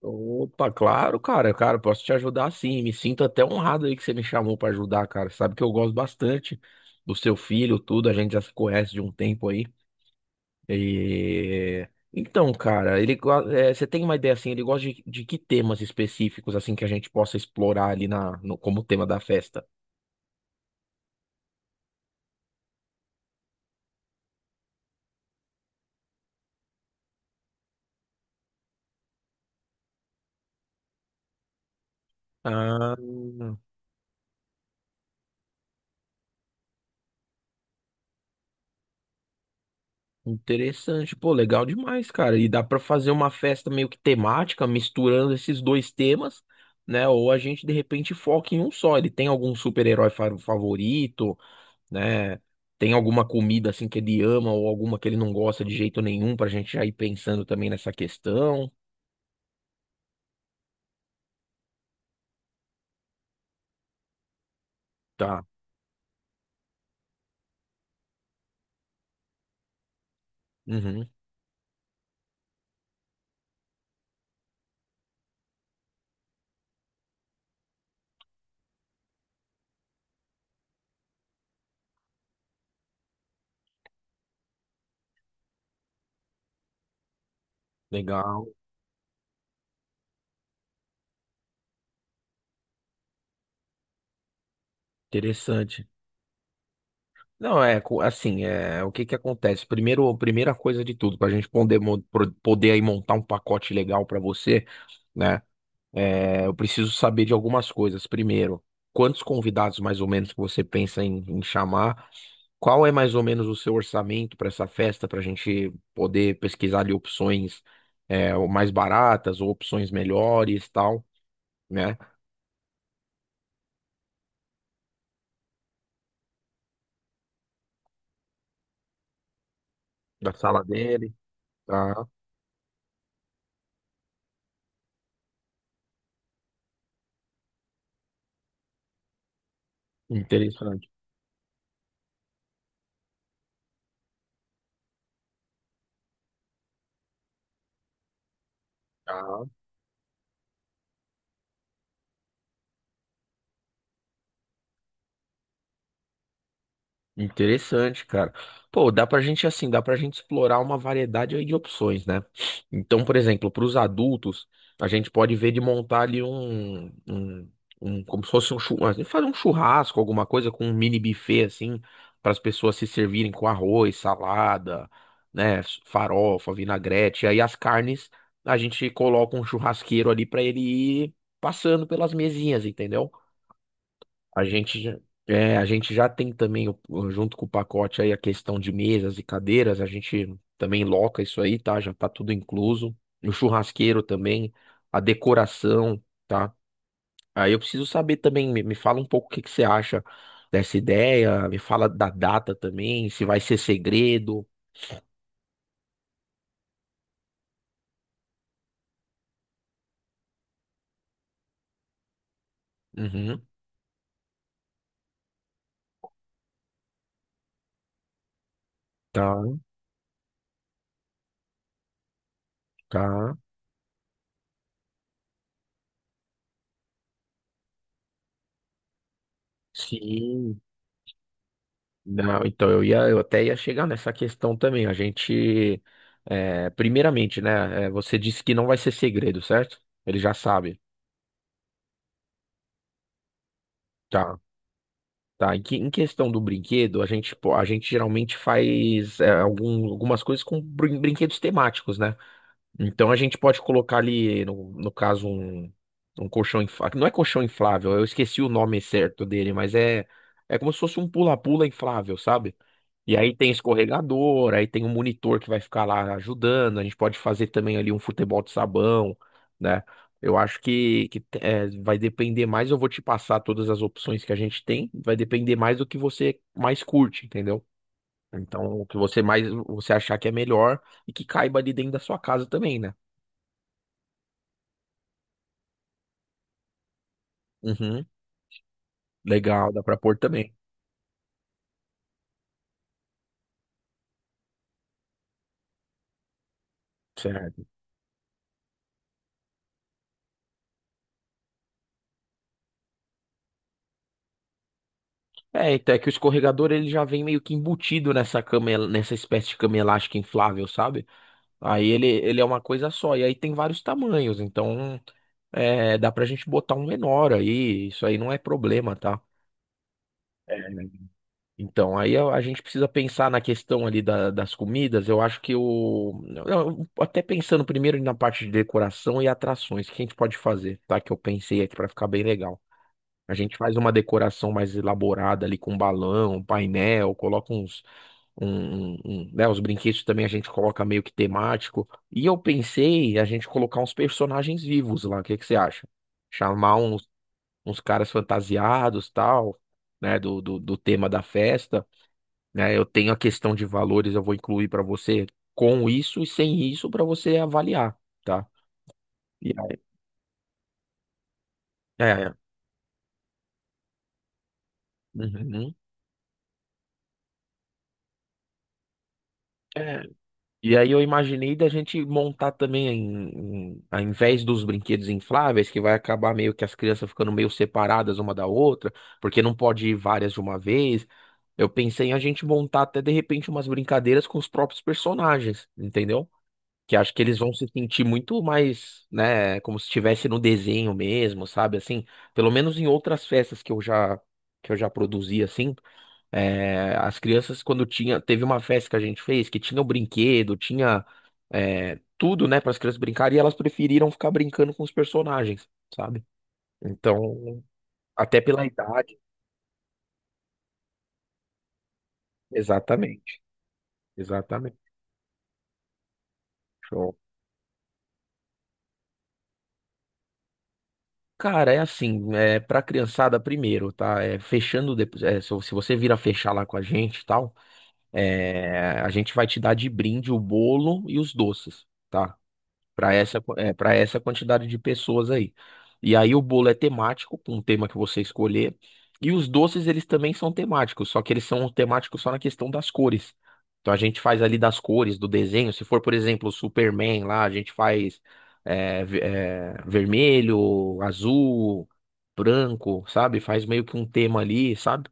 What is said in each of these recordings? Opa, claro, cara. Cara, eu posso te ajudar sim. Me sinto até honrado aí que você me chamou pra ajudar, cara. Sabe que eu gosto bastante do seu filho, tudo. A gente já se conhece de um tempo aí. E... Então, cara, você tem uma ideia assim? Ele gosta de que temas específicos assim que a gente possa explorar ali na, no- como tema da festa? Ah. Interessante, pô, legal demais, cara. E dá pra fazer uma festa meio que temática, misturando esses dois temas, né? Ou a gente de repente foca em um só. Ele tem algum super-herói favorito, né? Tem alguma comida assim que ele ama ou alguma que ele não gosta de jeito nenhum pra gente já ir pensando também nessa questão. Tá. Uhum. Legal, interessante. Não, é assim, é o que que acontece? Primeiro, primeira coisa de tudo, para a gente poder, poder aí montar um pacote legal para você, né? É, eu preciso saber de algumas coisas. Primeiro, quantos convidados mais ou menos que você pensa em chamar? Qual é mais ou menos o seu orçamento para essa festa, para a gente poder pesquisar ali opções ou mais baratas ou opções melhores, tal, né? Da sala dele. Tá, interessante. Tá. Interessante, cara. Pô, dá pra gente assim, dá pra gente explorar uma variedade aí de opções, né? Então, por exemplo, para os adultos, a gente pode ver de montar ali como se fosse um churrasco, fazer um churrasco, alguma coisa com um mini buffet assim, para as pessoas se servirem com arroz, salada, né, farofa, vinagrete, aí as carnes, a gente coloca um churrasqueiro ali pra ele ir passando pelas mesinhas, entendeu? A gente, já- a gente já tem também, junto com o pacote aí, a questão de mesas e cadeiras. A gente também loca isso aí, tá? Já tá tudo incluso. E o churrasqueiro também, a decoração, tá? Aí eu preciso saber também, me fala um pouco o que que você acha dessa ideia, me fala da data também, se vai ser segredo. Uhum. Tá, tá. Sim. Não, então eu ia, eu até ia chegar nessa questão também. A gente, é, primeiramente, né? Você disse que não vai ser segredo, certo? Ele já sabe. Tá, tá. Em questão do brinquedo, a gente, pô, a gente geralmente faz algumas coisas com brinquedos temáticos, né? Então a gente pode colocar ali, no caso, um colchão inflável. Não é colchão inflável, eu esqueci o nome certo dele, é como se fosse um pula-pula inflável, sabe? E aí tem escorregador, aí tem um monitor que vai ficar lá ajudando. A gente pode fazer também ali um futebol de sabão, né? Eu acho que é, vai depender mais. Eu vou te passar todas as opções que a gente tem. Vai depender mais do que você mais curte, entendeu? Então, o que você mais você achar que é melhor e que caiba ali dentro da sua casa também, né? Uhum. Legal, dá pra pôr também. Certo. É, então é que o escorregador ele já vem meio que embutido nessa cama, nessa espécie de cama elástica inflável, sabe? Aí ele é uma coisa só, e aí tem vários tamanhos, então é, dá pra gente botar um menor aí, isso aí não é problema, tá? É, então, aí a gente precisa pensar na questão ali das comidas. Eu acho que o. Até pensando primeiro na parte de decoração e atrações, o que a gente pode fazer, tá? Que eu pensei aqui pra ficar bem legal. A gente faz uma decoração mais elaborada ali com balão, painel, coloca uns, né, os brinquedos também a gente coloca meio que temático. E eu pensei a gente colocar uns personagens vivos lá. O que que você acha? Chamar uns, uns caras fantasiados, tal, né, do tema da festa, né? Eu tenho a questão de valores, eu vou incluir para você com isso e sem isso para você avaliar, tá? E aí, é, é, uhum. E aí eu imaginei da gente montar também, ao invés dos brinquedos infláveis, que vai acabar meio que as crianças ficando meio separadas uma da outra, porque não pode ir várias de uma vez. Eu pensei em a gente montar até de repente umas brincadeiras com os próprios personagens, entendeu? Que acho que eles vão se sentir muito mais, né, como se estivesse no desenho mesmo, sabe? Assim, pelo menos em outras festas que eu já produzi assim. É, as crianças, quando tinha, teve uma festa que a gente fez que tinha o brinquedo, tinha tudo, né, para as crianças brincarem, e elas preferiram ficar brincando com os personagens, sabe? Então, até pela idade. Exatamente, exatamente. Show. Cara, é assim, é pra criançada primeiro, tá? É, fechando depois, é, se você vir a fechar lá com a gente e tal, é, a gente vai te dar de brinde o bolo e os doces, tá, para essa, é, para essa quantidade de pessoas aí. E aí o bolo é temático, com um tema que você escolher. E os doces, eles também são temáticos, só que eles são temáticos só na questão das cores. Então a gente faz ali das cores, do desenho. Se for, por exemplo, o Superman lá, a gente faz vermelho, azul, branco, sabe? Faz meio que um tema ali, sabe?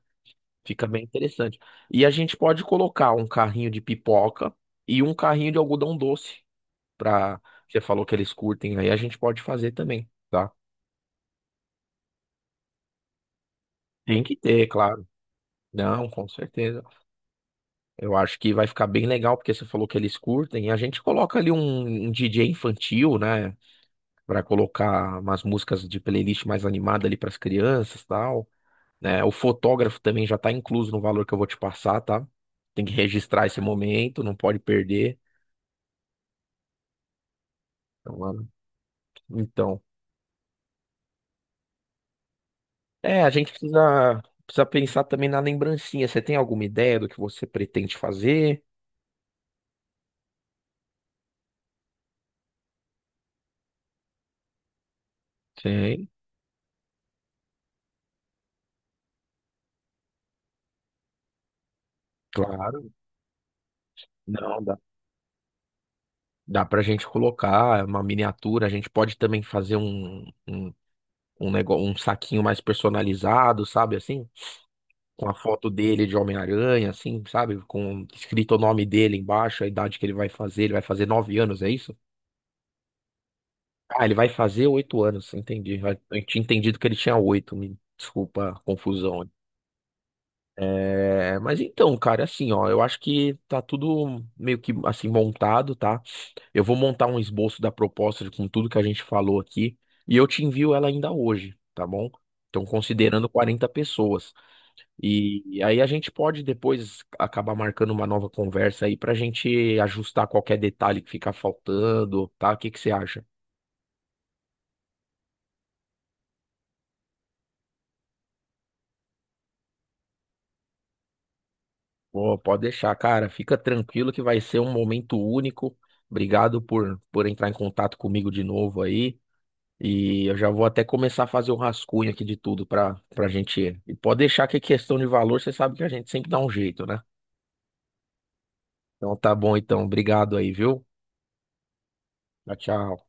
Fica bem interessante. E a gente pode colocar um carrinho de pipoca e um carrinho de algodão doce pra. Você falou que eles curtem aí, a gente pode fazer também, tá? Tem que ter, claro. Não, com certeza. Eu acho que vai ficar bem legal, porque você falou que eles curtem, a gente coloca ali um DJ infantil, né? Pra colocar umas músicas de playlist mais animada ali pras crianças e tal. Né? O fotógrafo também já tá incluso no valor que eu vou te passar, tá? Tem que registrar esse momento, não pode perder. Então, ah, então, é, a gente precisa pensar também na lembrancinha. Você tem alguma ideia do que você pretende fazer? Sim, claro. Não, dá pra gente colocar é uma miniatura, a gente pode também fazer um negócio, um saquinho mais personalizado, sabe, assim? Com a foto dele de Homem-Aranha, assim, sabe? Com escrito o nome dele embaixo, a idade que ele vai fazer nove anos, é isso? Ah, ele vai fazer oito anos, entendi. Eu tinha entendido que ele tinha oito, me desculpa a confusão. É, mas então, cara, assim, ó, eu acho que tá tudo meio que assim montado, tá? Eu vou montar um esboço da proposta com tudo que a gente falou aqui e eu te envio ela ainda hoje, tá bom? Então, considerando 40 pessoas. E aí a gente pode depois acabar marcando uma nova conversa aí pra gente ajustar qualquer detalhe que ficar faltando, tá? O que que você acha? Pô, pode deixar, cara. Fica tranquilo que vai ser um momento único. Obrigado por entrar em contato comigo de novo aí. E eu já vou até começar a fazer o rascunho aqui de tudo para gente ir. E pode deixar que é questão de valor, você sabe que a gente sempre dá um jeito, né? Então tá bom, então. Obrigado aí, viu? Tchau, tchau.